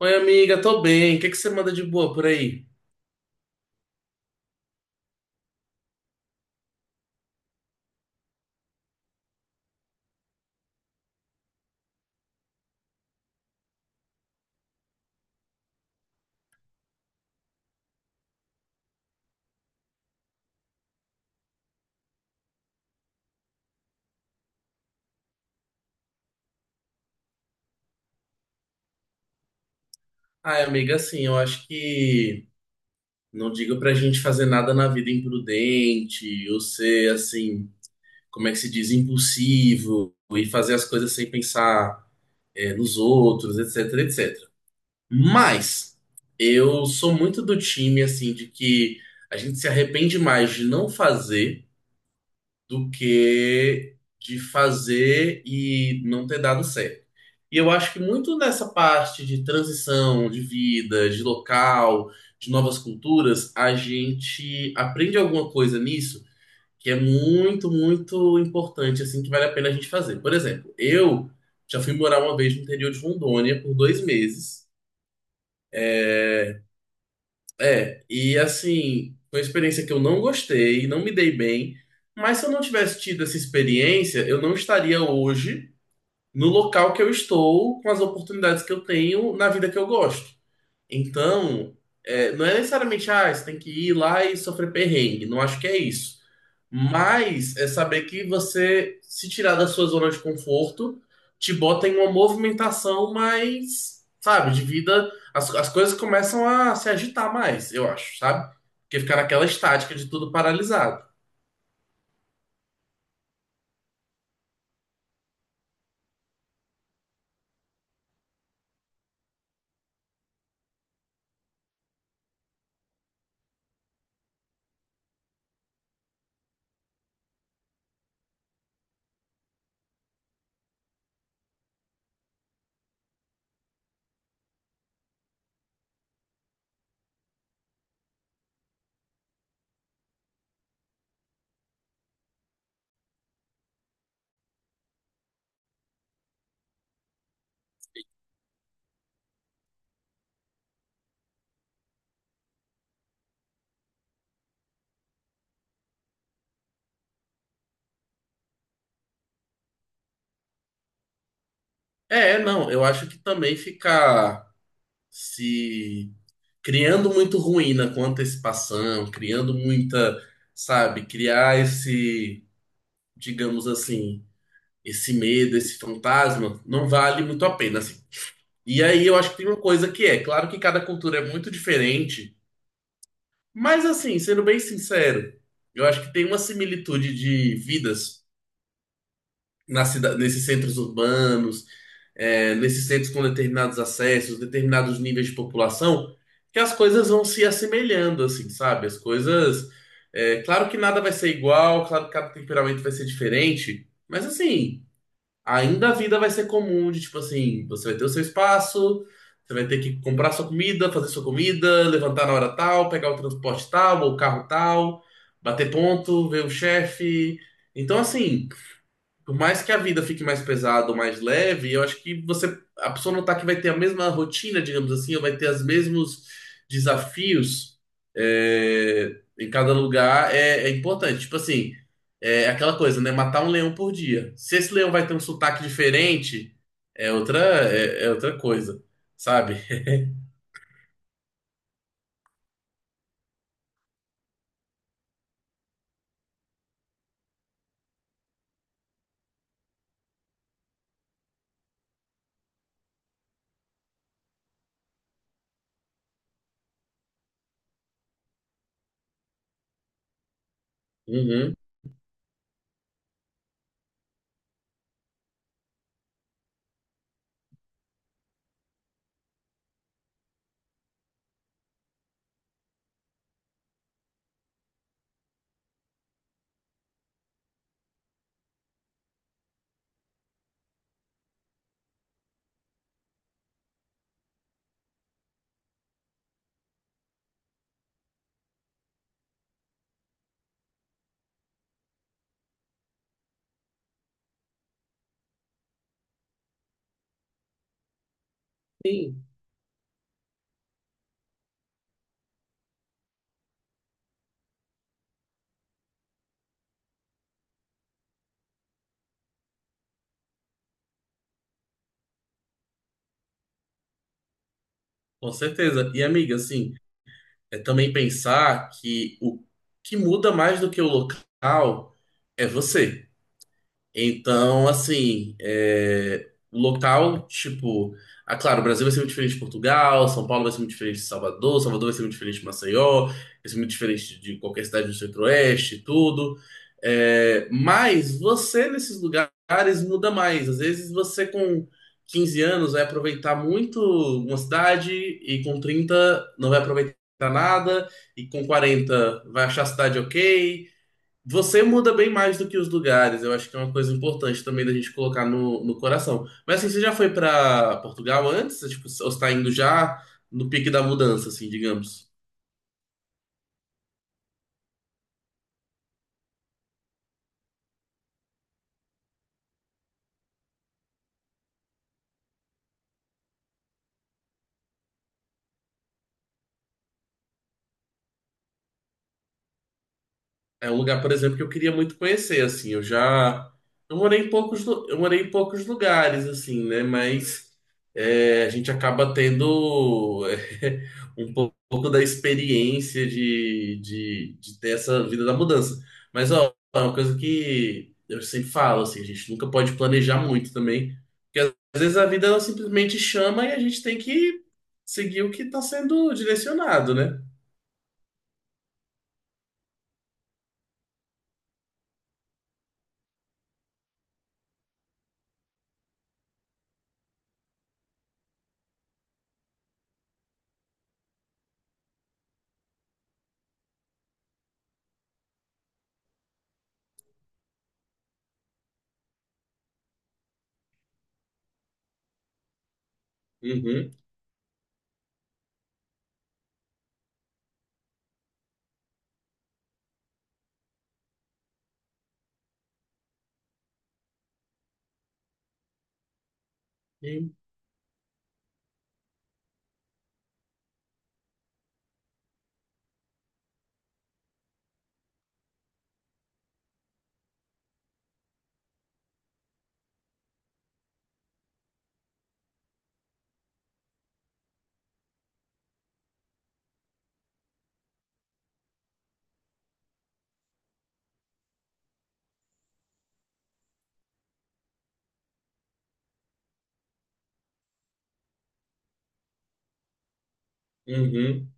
Oi, amiga, tô bem. O que que você manda de boa por aí? Ai, amiga, assim, eu acho que não digo pra gente fazer nada na vida imprudente, ou ser, assim, como é que se diz, impulsivo, e fazer as coisas sem pensar, nos outros, etc, etc. Mas eu sou muito do time, assim, de que a gente se arrepende mais de não fazer do que de fazer e não ter dado certo. E eu acho que muito nessa parte de transição, de vida, de local, de novas culturas, a gente aprende alguma coisa nisso que é muito, muito importante, assim, que vale a pena a gente fazer. Por exemplo, eu já fui morar uma vez no interior de Rondônia por dois meses. É, e assim, foi uma experiência que eu não gostei, não me dei bem, mas se eu não tivesse tido essa experiência, eu não estaria hoje no local que eu estou, com as oportunidades que eu tenho na vida que eu gosto. Então, não é necessariamente, ah, você tem que ir lá e sofrer perrengue. Não acho que é isso. Mas é saber que você se tirar da sua zona de conforto te bota em uma movimentação mais, sabe, de vida. As coisas começam a se agitar mais, eu acho, sabe? Porque ficar naquela estática de tudo paralisado. É, não, eu acho que também ficar se criando muito ruína com antecipação, criando muita, sabe, criar esse, digamos assim, esse medo, esse fantasma, não vale muito a pena, assim. E aí eu acho que tem uma coisa que é, claro que cada cultura é muito diferente, mas assim, sendo bem sincero, eu acho que tem uma similitude de vidas nesses centros urbanos, nesses centros com determinados acessos, determinados níveis de população, que as coisas vão se assemelhando, assim, sabe? As coisas. Claro que nada vai ser igual, claro que cada temperamento vai ser diferente, mas assim, ainda a vida vai ser comum de tipo assim, você vai ter o seu espaço, você vai ter que comprar sua comida, fazer sua comida, levantar na hora tal, pegar o transporte tal, ou o carro tal, bater ponto, ver o chefe. Então, assim. Por mais que a vida fique mais pesada ou mais leve, eu acho que você, a pessoa notar que vai ter a mesma rotina, digamos assim, ou vai ter os mesmos desafios em cada lugar é importante. Tipo assim, é aquela coisa, né? Matar um leão por dia. Se esse leão vai ter um sotaque diferente, é outra, é, é outra coisa, sabe? Uhum, sim, com certeza. E amiga, assim, é também pensar que o que muda mais do que o local é você. Então, assim, é, o local, tipo, ah, claro, o Brasil vai ser muito diferente de Portugal, São Paulo vai ser muito diferente de Salvador, Salvador vai ser muito diferente de Maceió, vai ser muito diferente de qualquer cidade do Centro-Oeste, e tudo. É, mas você nesses lugares muda mais. Às vezes você com 15 anos vai aproveitar muito uma cidade e com 30 não vai aproveitar nada, e com quarenta vai achar a cidade ok. Você muda bem mais do que os lugares. Eu acho que é uma coisa importante também da gente colocar no coração. Mas assim, você já foi pra Portugal antes? Tipo, ou está indo já no pique da mudança, assim, digamos? É um lugar, por exemplo, que eu queria muito conhecer, assim. Eu morei em poucos lugares, assim, né? Mas é, a gente acaba tendo pouco da experiência de ter essa vida da mudança. Mas ó, é uma coisa que eu sempre falo, assim, a gente nunca pode planejar muito também, porque às vezes a vida ela simplesmente chama e a gente tem que seguir o que está sendo direcionado, né? Uhum, uhum.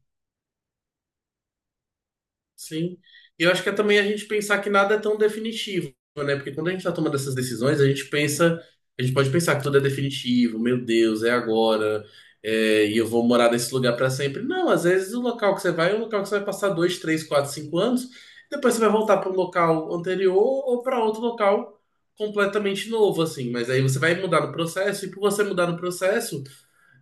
Sim. E eu acho que é também a gente pensar que nada é tão definitivo, né? Porque quando a gente tá tomando essas decisões, a gente pode pensar que tudo é definitivo, meu Deus, é agora, e eu vou morar nesse lugar para sempre. Não, às vezes o local que você vai é um local que você vai passar dois, três, quatro, cinco anos, depois você vai voltar para um local anterior ou para outro local completamente novo, assim. Mas aí você vai mudar no processo, e por você mudar no processo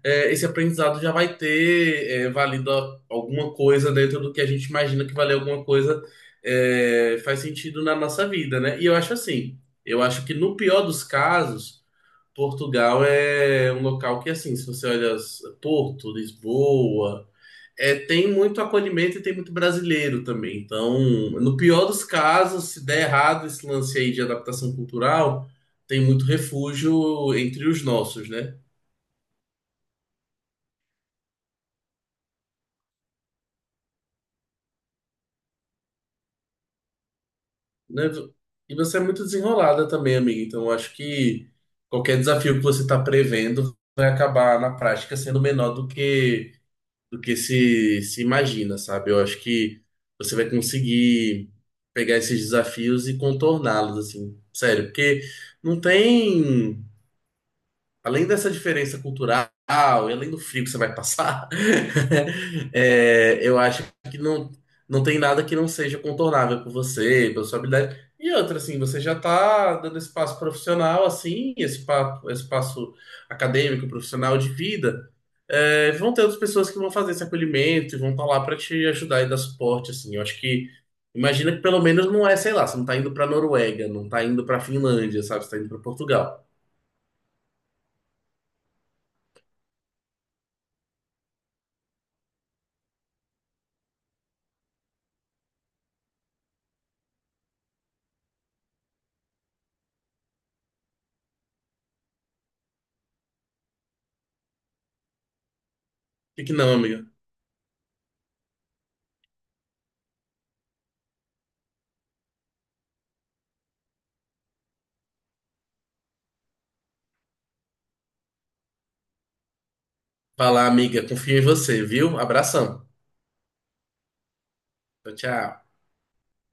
esse aprendizado já vai ter valido alguma coisa dentro do que a gente imagina que valer alguma coisa faz sentido na nossa vida, né? E eu acho assim, eu acho que no pior dos casos, Portugal é um local que, assim, se você olha Porto, Lisboa, tem muito acolhimento e tem muito brasileiro também. Então, no pior dos casos, se der errado esse lance aí de adaptação cultural, tem muito refúgio entre os nossos, né? Né? E você é muito desenrolada também, amiga. Então, eu acho que qualquer desafio que você está prevendo vai acabar na prática sendo menor do que se imagina, sabe? Eu acho que você vai conseguir pegar esses desafios e contorná-los, assim, sério, porque não tem além dessa diferença cultural e além do frio que você vai passar, eu acho que não, não tem nada que não seja contornável por você, pela sua habilidade. E outra, assim, você já tá dando esse passo profissional, assim, esse, papo, esse acadêmico, profissional de vida. É, vão ter outras pessoas que vão fazer esse acolhimento e vão estar lá para te ajudar e dar suporte, assim. Eu acho que, imagina que pelo menos não é, sei lá, você não tá indo pra Noruega, não tá indo pra Finlândia, sabe? Você tá indo pra Portugal. Por que que não, amiga? Vai, amiga. Confio em você, viu? Abração. Tchau, tchau.